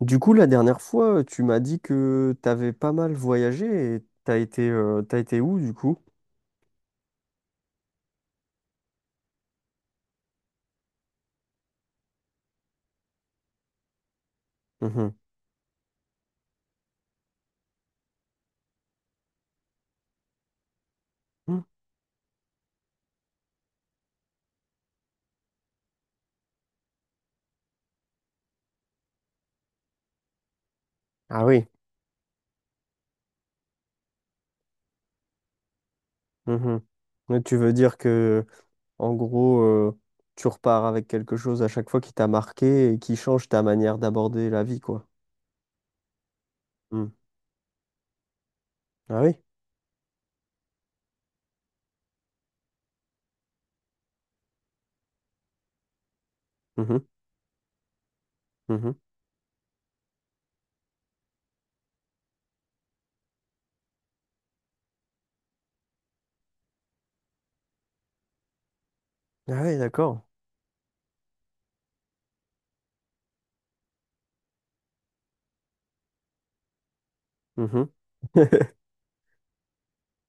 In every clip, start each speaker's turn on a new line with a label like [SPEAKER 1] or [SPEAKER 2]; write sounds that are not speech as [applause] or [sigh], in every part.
[SPEAKER 1] Du coup, la dernière fois, tu m'as dit que t'avais pas mal voyagé et t'as été où du coup? Mhm. Mm. Ah oui. Mhm. Tu veux dire que, en gros, tu repars avec quelque chose à chaque fois qui t'a marqué et qui change ta manière d'aborder la vie, quoi. Mm. Ah oui. Mhm. Mhm. Ah oui, d'accord. Mhm. [laughs]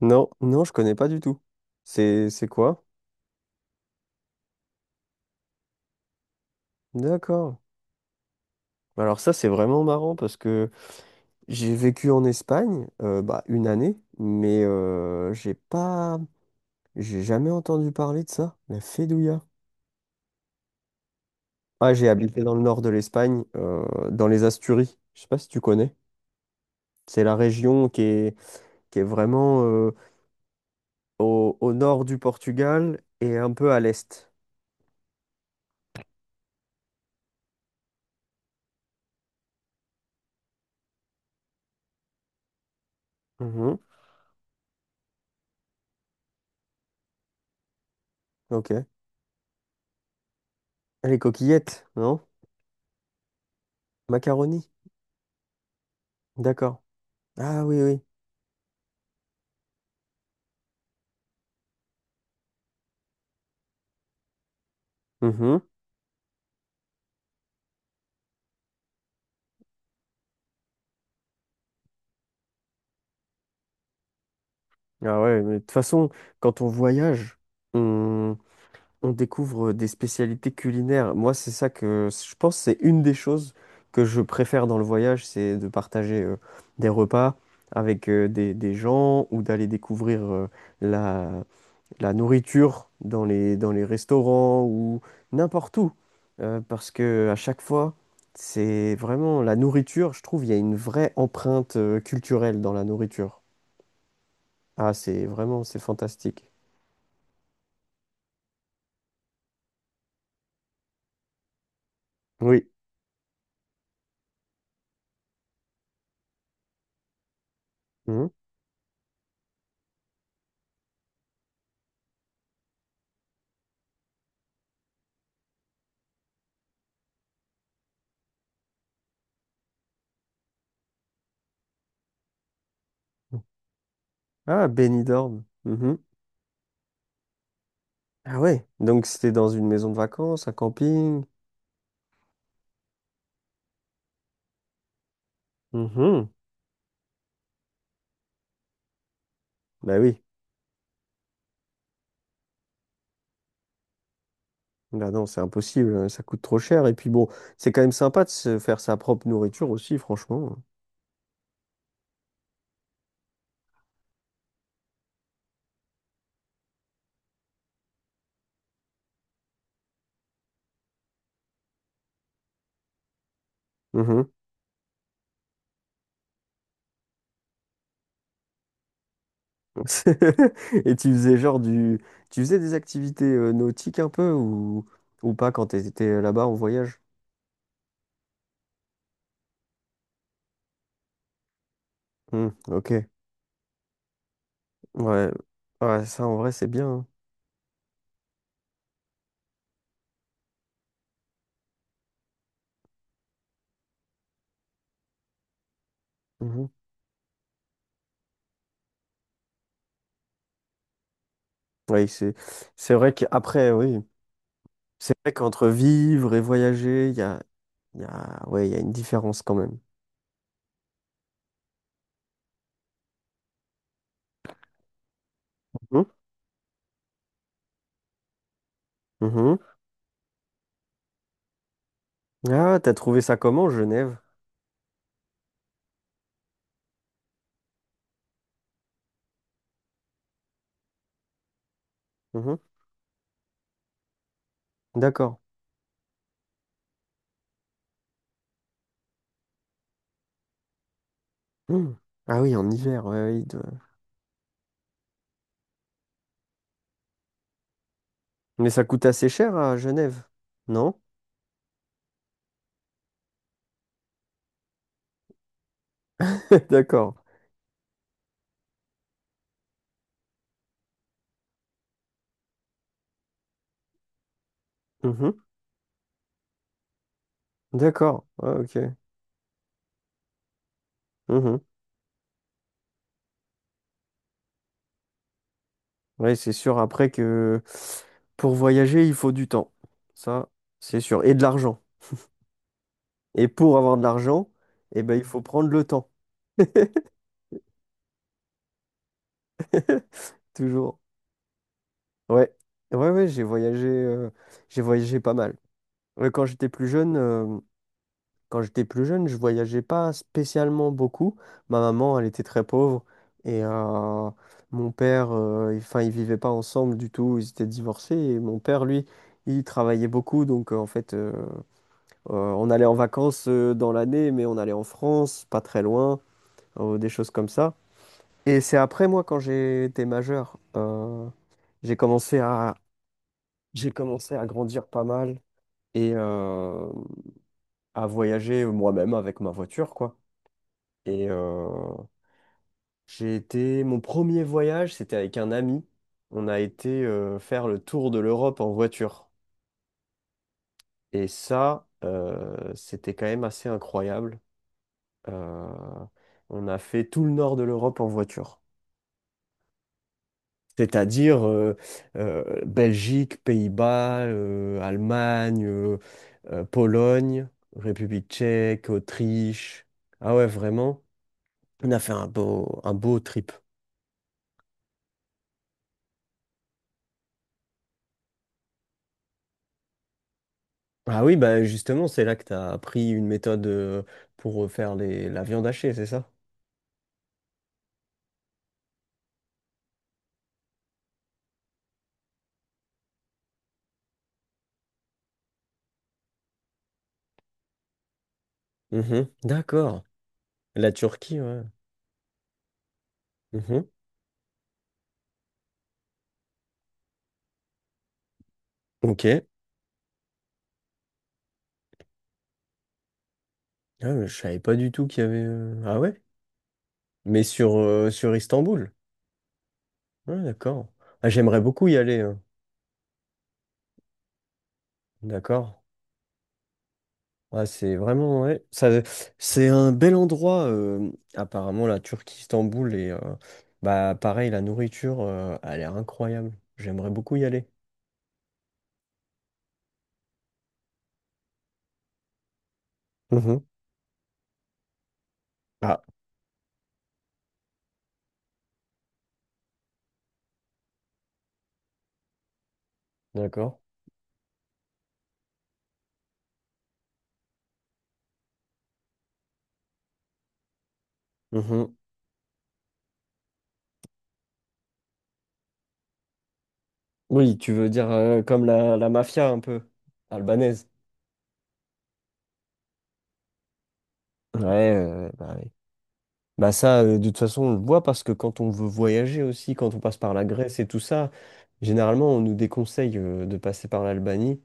[SPEAKER 1] Non, non, je connais pas du tout. C'est quoi? D'accord. Alors ça, c'est vraiment marrant parce que j'ai vécu en Espagne, bah, une année, mais j'ai pas, j'ai jamais entendu parler de ça, la Fedouilla. Ah, j'ai habité dans le nord de l'Espagne, dans les Asturies. Je sais pas si tu connais. C'est la région qui est vraiment au, au nord du Portugal et un peu à l'est. Mhm. Ok. Ah, les coquillettes, non? Macaroni. D'accord. Ah oui, oui. Mhm. Ah ouais, mais de toute façon, quand on voyage, on découvre des spécialités culinaires. Moi, c'est ça que je pense, c'est une des choses que je préfère dans le voyage, c'est de partager des repas avec des gens ou d'aller découvrir la, la nourriture dans les restaurants ou n'importe où. Parce que à chaque fois, c'est vraiment la nourriture, je trouve, il y a une vraie empreinte culturelle dans la nourriture. Ah, c'est vraiment, c'est fantastique. Oui. Mhm. Ah, Benidorm. Mhm. Ah ouais, donc c'était dans une maison de vacances, un camping. Mhm. Bah oui, bah non, c'est impossible, hein, ça coûte trop cher. Et puis bon, c'est quand même sympa de se faire sa propre nourriture aussi, franchement. Mhm. [laughs] Et tu faisais genre du... Tu faisais des activités nautiques un peu ou pas quand t'étais là-bas en voyage? Hmm, ok, ouais. Ouais, ça en vrai c'est bien, hein. Mhm. Oui, c'est vrai qu'après, oui. C'est vrai qu'entre vivre et voyager, il y a... Ouais, il y a une différence quand même. Mhm, mhm. Ah, t'as trouvé ça comment, Genève? Mhm, d'accord. Mhm. Ah oui, en hiver, ouais, ouais, il doit- Mais ça coûte assez cher à Genève, non? [laughs] D'accord. Mhm, d'accord. Ah, ok. Mhm. Ouais, c'est sûr après que pour voyager, il faut du temps. Ça, c'est sûr. Et de l'argent. Et pour avoir de l'argent, eh ben, il faut prendre le temps. [laughs] Toujours. Ouais. Ouais, ouais, j'ai voyagé pas mal. Ouais, quand j'étais plus jeune, quand j'étais plus jeune, je voyageais pas spécialement beaucoup. Ma maman, elle était très pauvre et mon père, enfin, ils vivaient pas ensemble du tout. Ils étaient divorcés et mon père, lui, il travaillait beaucoup. Donc, en fait, on allait en vacances dans l'année, mais on allait en France, pas très loin, des choses comme ça. Et c'est après, moi, quand j'ai été majeur, j'ai commencé à, j'ai commencé à grandir pas mal et à voyager moi-même avec ma voiture, quoi. Et j'ai été. Mon premier voyage, c'était avec un ami. On a été faire le tour de l'Europe en voiture. Et ça, c'était quand même assez incroyable. Euh, on a fait tout le nord de l'Europe en voiture. C'est-à-dire Belgique, Pays-Bas, Allemagne, Pologne, République tchèque, Autriche. Ah ouais, vraiment. On a fait un beau trip. Ah oui, bah justement, c'est là que tu as appris une méthode pour faire les... la viande hachée, c'est ça? Mhm. D'accord. La Turquie, ouais. Mhm. Ok. Ah, mais je savais pas du tout qu'il y avait. Ah ouais? Mais sur, sur Istanbul. Ah, d'accord. Ah, j'aimerais beaucoup y aller, hein. D'accord. Ah, c'est vraiment. Ouais. Ça, c'est un bel endroit, apparemment, la Turquie, Istanbul. Et bah, pareil, la nourriture, a l'air incroyable. J'aimerais beaucoup y aller. Mhm. Ah, d'accord. Mhm. Oui, tu veux dire comme la mafia un peu albanaise. Ouais, bah, oui. Bah ça, de toute façon, on le voit parce que quand on veut voyager aussi, quand on passe par la Grèce et tout ça, généralement, on nous déconseille de passer par l'Albanie.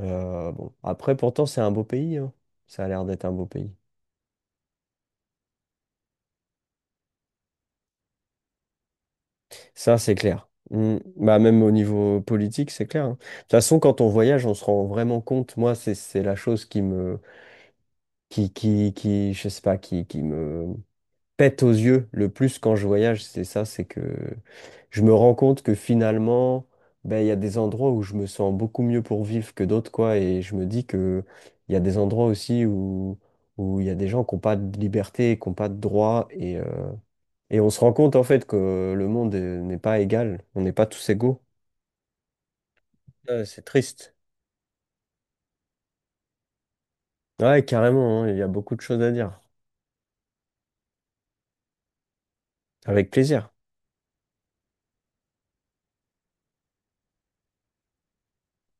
[SPEAKER 1] Bon, après, pourtant, c'est un beau pays, hein. Ça a l'air d'être un beau pays. Ça, c'est clair. Mm. Bah, même au niveau politique, c'est clair, hein. De toute façon, quand on voyage, on se rend vraiment compte. Moi, c'est la chose qui me, qui, je sais pas, qui me pète aux yeux le plus quand je voyage, c'est ça, c'est que je me rends compte que finalement, ben, il y a des endroits où je me sens beaucoup mieux pour vivre que d'autres, quoi, et je me dis que il y a des endroits aussi où où il y a des gens qui n'ont pas de liberté, qui n'ont pas de droit, et on se rend compte en fait que le monde n'est pas égal, on n'est pas tous égaux. Ouais, c'est triste. Ouais, carrément, hein, il y a beaucoup de choses à dire. Avec plaisir.